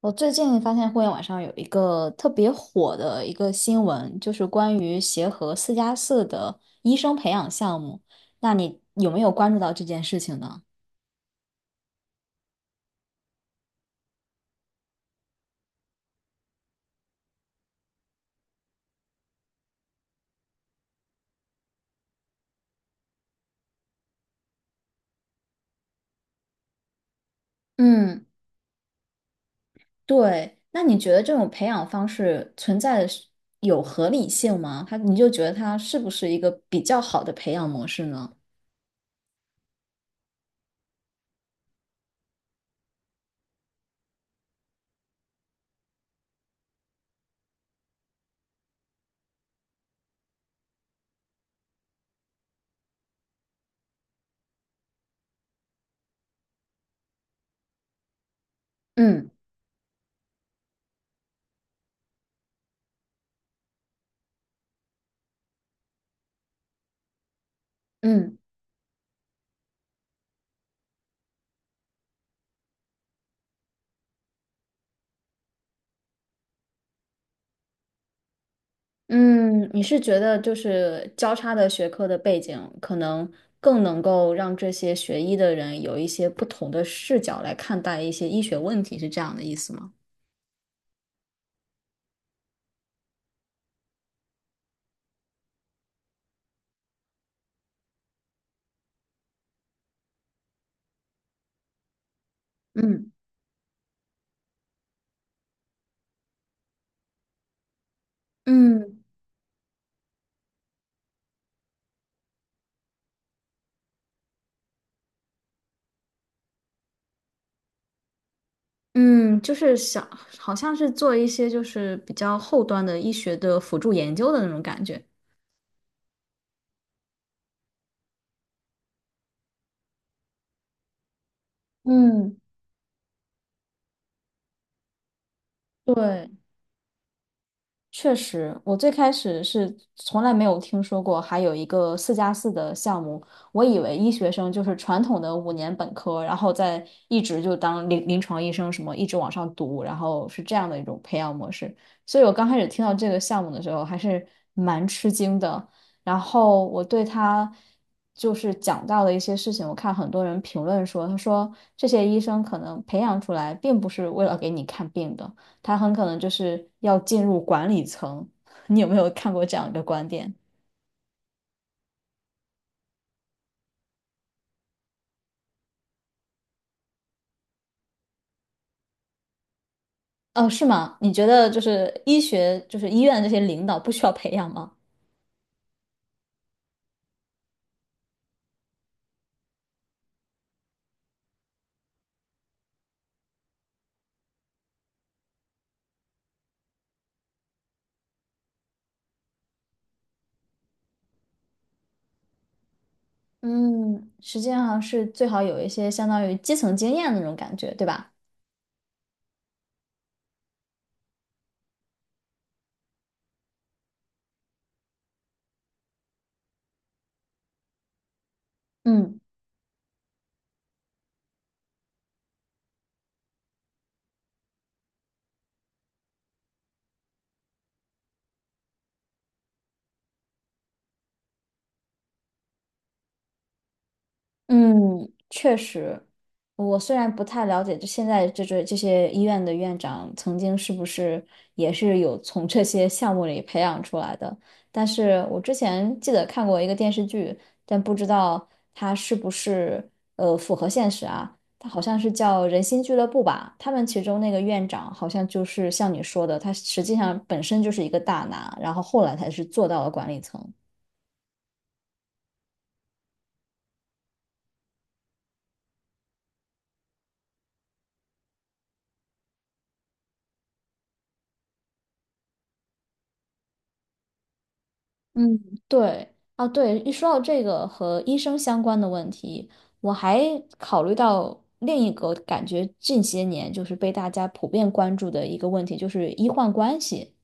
我最近发现互联网上有一个特别火的一个新闻，就是关于协和四加四的医生培养项目。那你有没有关注到这件事情呢？嗯，对。那你觉得这种培养方式存在的是有合理性吗？你就觉得它是不是一个比较好的培养模式呢？嗯嗯。嗯，你是觉得就是交叉的学科的背景，可能更能够让这些学医的人有一些不同的视角来看待一些医学问题，是这样的意思吗？嗯嗯嗯，就是想，好像是做一些就是比较后端的医学的辅助研究的那种感觉。嗯，对。确实，我最开始是从来没有听说过还有一个四加四的项目，我以为医学生就是传统的五年本科，然后再一直就当临床医生，什么一直往上读，然后是这样的一种培养模式。所以我刚开始听到这个项目的时候，还是蛮吃惊的。然后我对他就是讲到的一些事情，我看很多人评论说，他说这些医生可能培养出来并不是为了给你看病的。他很可能就是要进入管理层。你有没有看过这样一个观点？哦，是吗？你觉得就是医学，就是医院这些领导不需要培养吗？嗯，实际上是最好有一些相当于基层经验的那种感觉，对吧？嗯。嗯，确实，我虽然不太了解，就现在这些医院的院长曾经是不是也是有从这些项目里培养出来的，但是我之前记得看过一个电视剧，但不知道它是不是符合现实啊？它好像是叫《人心俱乐部》吧，他们其中那个院长好像就是像你说的，他实际上本身就是一个大拿，然后后来才是做到了管理层。嗯，对，啊，对，一说到这个和医生相关的问题，我还考虑到另一个感觉近些年就是被大家普遍关注的一个问题，就是医患关系。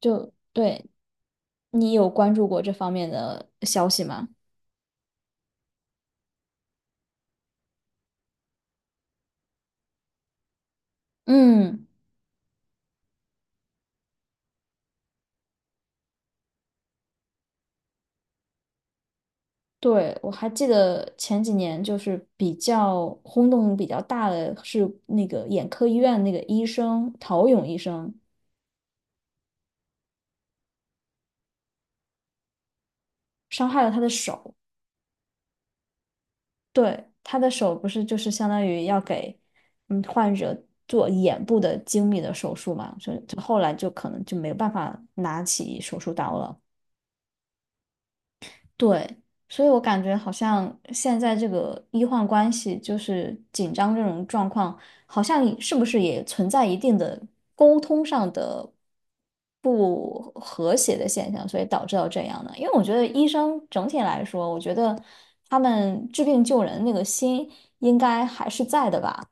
就对你有关注过这方面的消息吗？嗯，对，我还记得前几年就是比较轰动比较大的是那个眼科医院那个医生陶勇医生伤害了他的手。对，他的手不是就是相当于要给嗯患者做眼部的精密的手术嘛，所以就后来就可能就没有办法拿起手术刀了。对，所以我感觉好像现在这个医患关系就是紧张这种状况，好像也是不是也存在一定的沟通上的不和谐的现象，所以导致到这样的。因为我觉得医生整体来说，我觉得他们治病救人那个心应该还是在的吧。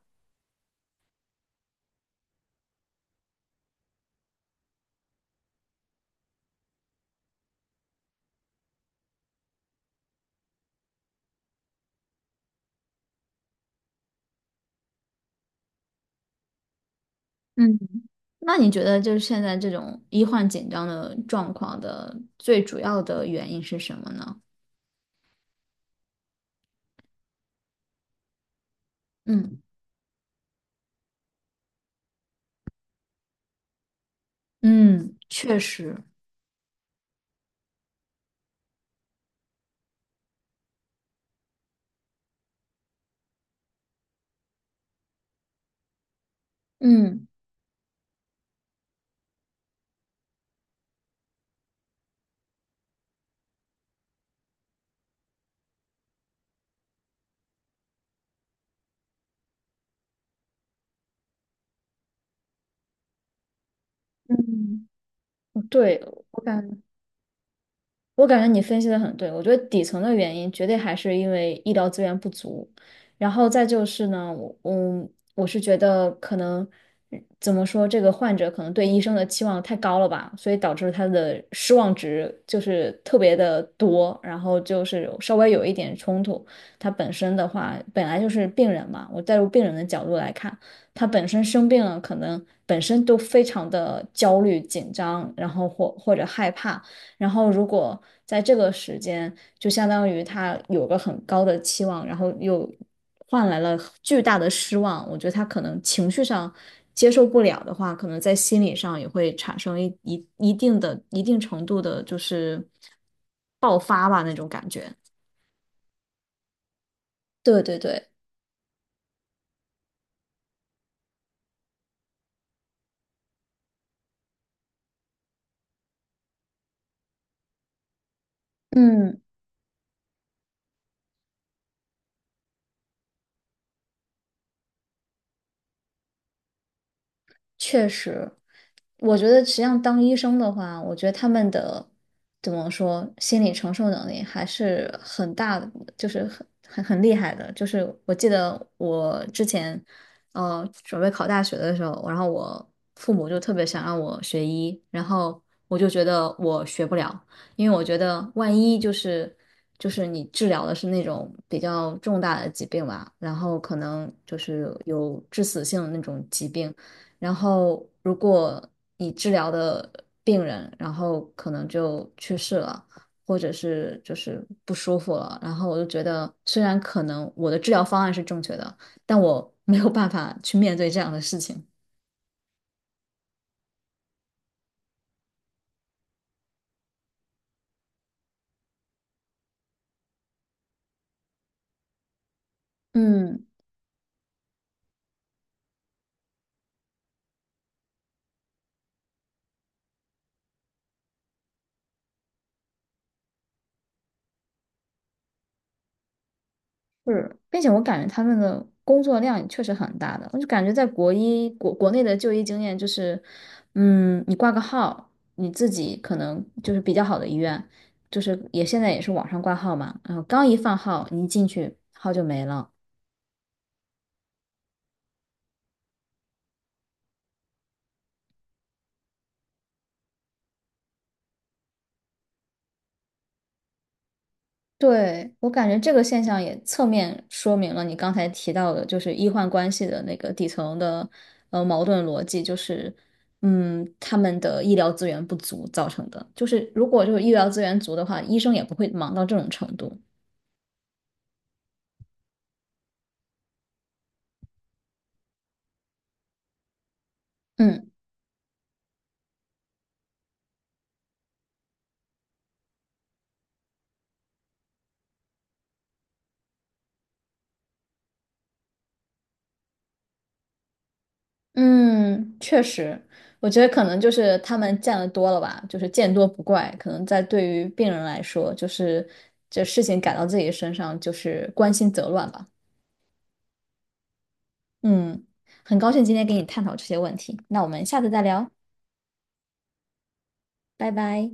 嗯。那你觉得就是现在这种医患紧张的状况的最主要的原因是什么呢？嗯嗯，确实。嗯，嗯，对，我感，我感觉你分析的很对，我觉得底层的原因绝对还是因为医疗资源不足，然后再就是呢，我是觉得可能怎么说，这个患者可能对医生的期望太高了吧，所以导致他的失望值就是特别的多，然后就是稍微有一点冲突。他本身的话，本来就是病人嘛，我带入病人的角度来看，他本身生病了，可能本身都非常的焦虑、紧张，然后或者害怕。然后如果在这个时间，就相当于他有个很高的期望，然后又换来了巨大的失望，我觉得他可能情绪上接受不了的话，可能在心理上也会产生一定程度的，就是爆发吧那种感觉。对对对，嗯。确实，我觉得实际上当医生的话，我觉得他们的怎么说，心理承受能力还是很大的，就是很厉害的。就是我记得我之前，准备考大学的时候，然后我父母就特别想让我学医，然后我就觉得我学不了，因为我觉得万一就是你治疗的是那种比较重大的疾病吧，然后可能就是有致死性的那种疾病。然后如果你治疗的病人，然后可能就去世了，或者是就是不舒服了，然后我就觉得，虽然可能我的治疗方案是正确的，但我没有办法去面对这样的事情。嗯，是，并且我感觉他们的工作量也确实很大的，我就感觉在国内的就医经验就是，嗯，你挂个号，你自己可能就是比较好的医院，就是也现在也是网上挂号嘛，然后刚一放号，你一进去号就没了。对，我感觉这个现象也侧面说明了你刚才提到的，就是医患关系的那个底层的矛盾逻辑，就是嗯，他们的医疗资源不足造成的。就是如果就是医疗资源足的话，医生也不会忙到这种程度。嗯嗯，确实，我觉得可能就是他们见得多了吧，就是见多不怪。可能在对于病人来说，就是这事情赶到自己身上，就是关心则乱吧。嗯，很高兴今天跟你探讨这些问题，那我们下次再聊，拜拜。